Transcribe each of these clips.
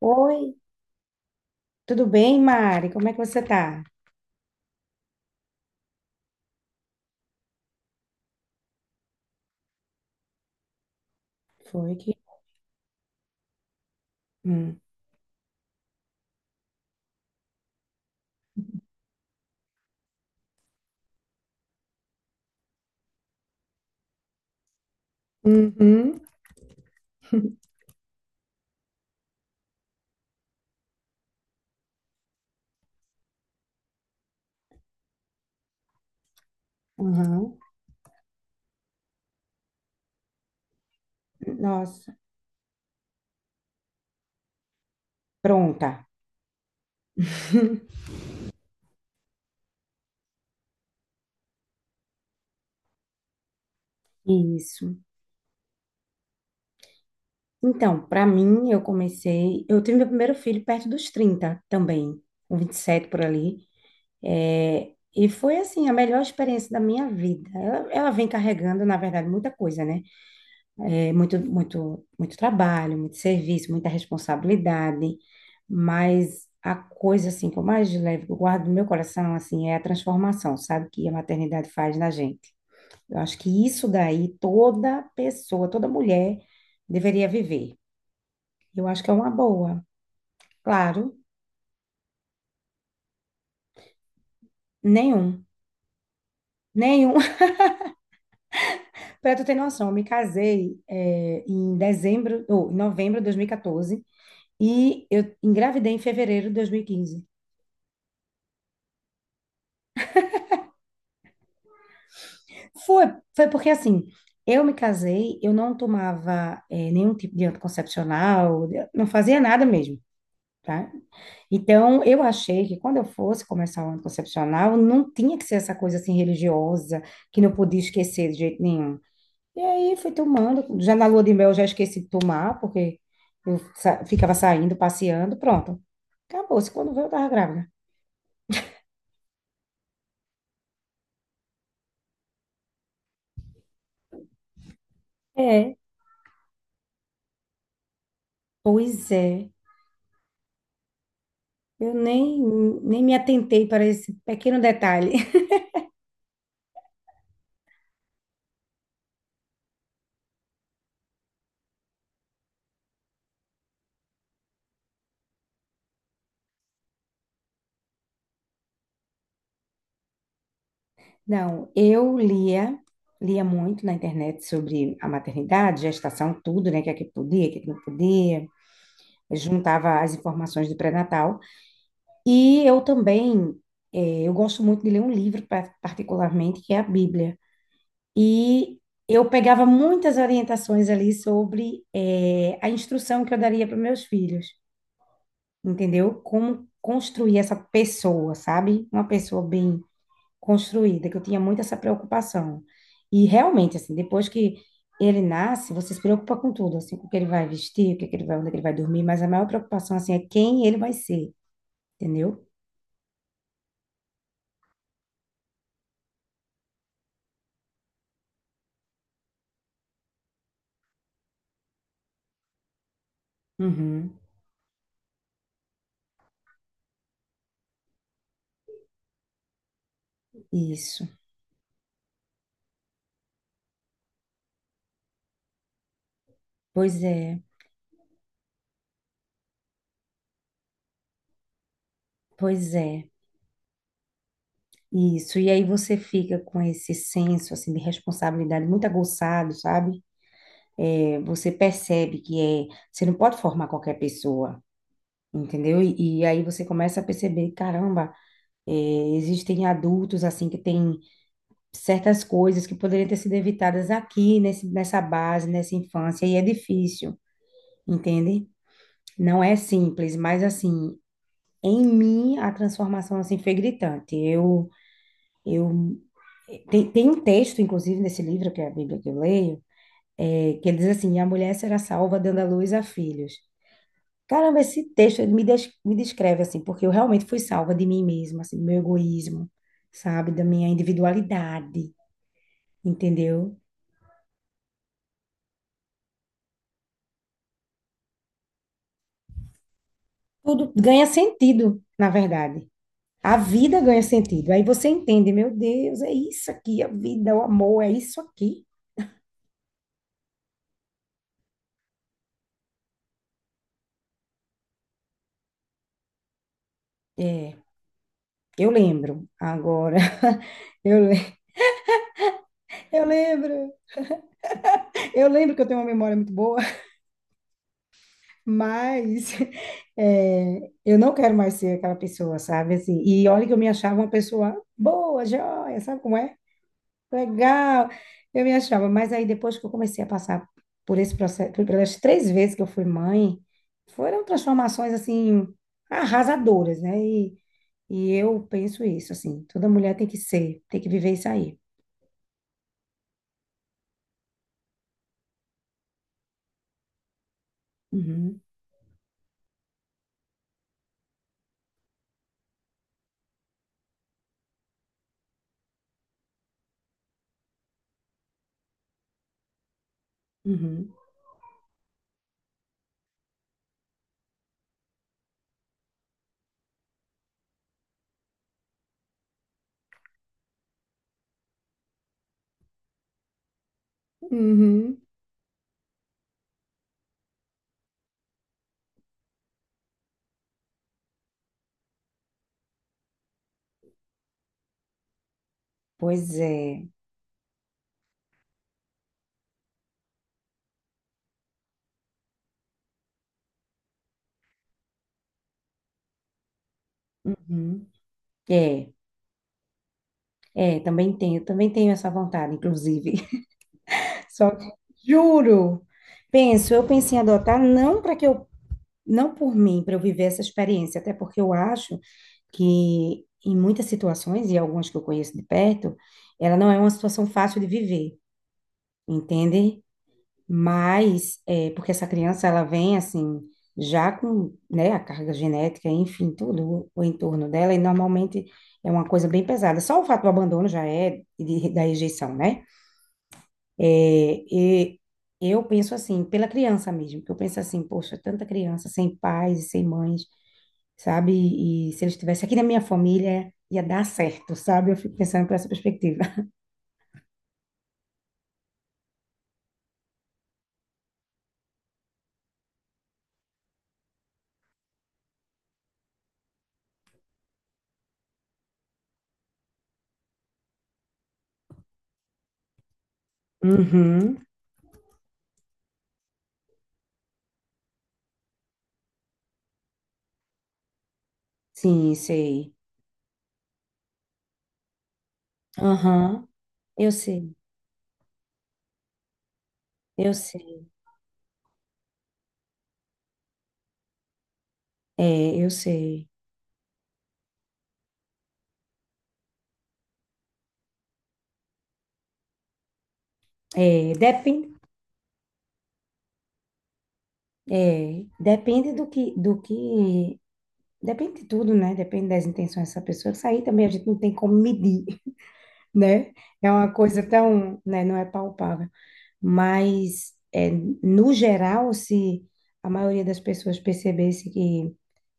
Oi, tudo bem, Mari? Como é que você tá? Foi que. Hum. Uhum. Uhum. Nossa, pronta. Isso. Então, para mim, eu comecei. Eu tive meu primeiro filho perto dos 30, também, com 27 por ali. É, e foi, assim, a melhor experiência da minha vida. Ela vem carregando, na verdade, muita coisa, né? É muito, muito, muito trabalho, muito serviço, muita responsabilidade, mas a coisa assim que eu mais levo, que eu guardo no meu coração assim, é a transformação, sabe, que a maternidade faz na gente. Eu acho que isso daí toda pessoa, toda mulher deveria viver. Eu acho que é uma boa. Claro, nenhum, nenhum. Para tu ter noção, eu me casei em dezembro, ou em novembro de 2014 e eu engravidei em fevereiro de 2015. Foi, foi porque assim, eu me casei, eu não tomava nenhum tipo de anticoncepcional, não fazia nada mesmo, tá? Então, eu achei que quando eu fosse começar o anticoncepcional, não tinha que ser essa coisa assim religiosa, que não podia esquecer de jeito nenhum. E aí fui tomando, já na lua de mel eu já esqueci de tomar, porque eu ficava saindo, passeando, pronto. Acabou-se, quando veio eu tava grávida. É. Pois é, eu nem me atentei para esse pequeno detalhe. Não, eu lia muito na internet sobre a maternidade, gestação, tudo, né? O que é que podia, o que é que não podia. Eu juntava as informações do pré-natal. E eu também, eu gosto muito de ler um livro, particularmente, que é a Bíblia. E eu pegava muitas orientações ali sobre, a instrução que eu daria para meus filhos, entendeu? Como construir essa pessoa, sabe? Uma pessoa bem construída, que eu tinha muito essa preocupação. E realmente, assim, depois que ele nasce, você se preocupa com tudo, assim, com o que ele vai vestir, o que que ele vai, onde que ele vai dormir, mas a maior preocupação, assim, é quem ele vai ser, entendeu? Uhum, isso. Pois é, pois é. Isso, e aí você fica com esse senso assim de responsabilidade muito aguçado, sabe? É, você percebe que é, você não pode formar qualquer pessoa, entendeu? E aí você começa a perceber, caramba, é, existem adultos assim que têm certas coisas que poderiam ter sido evitadas aqui nesse, nessa base, nessa infância, e é difícil, entende? Não é simples, mas assim, em mim a transformação assim foi gritante. Eu tem um texto, inclusive, nesse livro, que é a Bíblia que eu leio, é, que ele diz assim: a mulher será salva dando à luz a filhos. Caramba, esse texto ele me descreve assim, porque eu realmente fui salva de mim mesma, assim, do meu egoísmo, sabe, da minha individualidade, entendeu? Tudo ganha sentido, na verdade. A vida ganha sentido. Aí você entende, meu Deus, é isso aqui, a vida, o amor, é isso aqui. É, eu lembro agora. Eu, le- eu lembro. Eu lembro que eu tenho uma memória muito boa. Mas é, eu não quero mais ser aquela pessoa, sabe? Assim, e olha que eu me achava uma pessoa boa, joia, sabe como é? Legal, eu me achava. Mas aí depois que eu comecei a passar por esse processo, pelas três vezes que eu fui mãe, foram transformações assim arrasadoras, né? E eu penso isso, assim, toda mulher tem que ser, tem que viver isso aí. Uhum, uhum, uhum. Pois é. Uhum. É, é, também tenho essa vontade, inclusive. Só que, juro, penso, eu pensei em adotar não para que eu, não por mim, para eu viver essa experiência, até porque eu acho que em muitas situações, e algumas que eu conheço de perto, ela não é uma situação fácil de viver, entende? Mas, é, porque essa criança, ela vem assim, já com, né, a carga genética, enfim, tudo o entorno dela, e normalmente é uma coisa bem pesada. Só o fato do abandono já é da rejeição, né? É, e eu penso assim, pela criança mesmo, que eu penso assim, poxa, tanta criança sem pais e sem mães, sabe? E, se eles estivessem aqui na minha família, ia dar certo, sabe? Eu fico pensando por essa perspectiva. Uhum. Sim, sei. Aham, eu sei, eu sei. É, eu sei. É, depende, é, depende do que, depende de tudo, né? Depende das intenções dessa pessoa. Isso aí também a gente não tem como medir, né? É uma coisa tão, né, não é palpável, mas é, no geral, se a maioria das pessoas percebesse que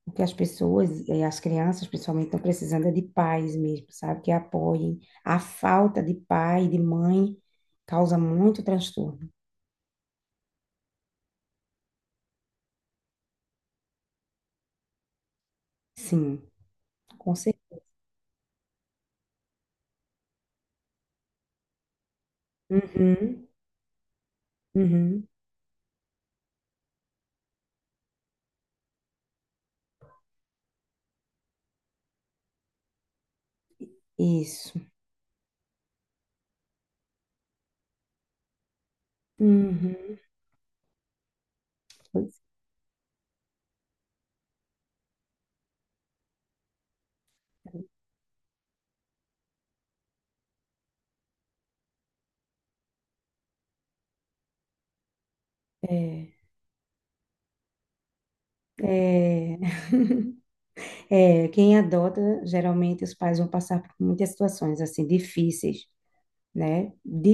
o que as pessoas, e as crianças principalmente, estão precisando é de pais mesmo, sabe? Que apoiem. A falta de pai, de mãe, causa muito transtorno. Sim, com certeza. Uhum, uhum, isso. Uhum. Pois é, é. É, quem adota, geralmente os pais vão passar por muitas situações assim difíceis, né? De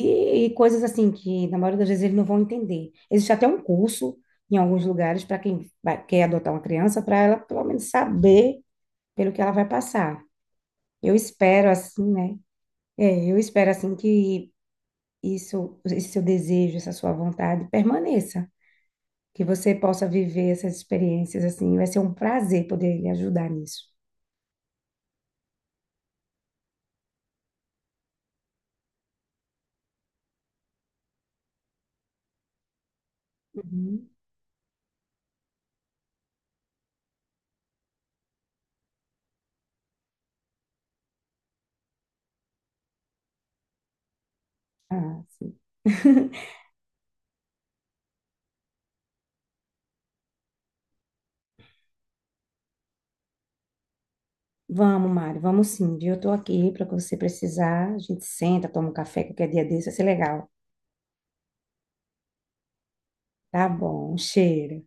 e coisas assim que na maioria das vezes eles não vão entender. Existe até um curso em alguns lugares para quem quer adotar uma criança, para ela pelo menos saber pelo que ela vai passar. Eu espero assim, né? É, eu espero assim que isso, esse seu desejo, essa sua vontade permaneça, que você possa viver essas experiências assim. Vai ser um prazer poder lhe ajudar nisso. Uhum. Ah, sim. Vamos, Mari, vamos sim, viu? Eu tô aqui para o que você precisar. A gente senta, toma um café qualquer dia desse, vai ser legal. Tá bom, um cheiro.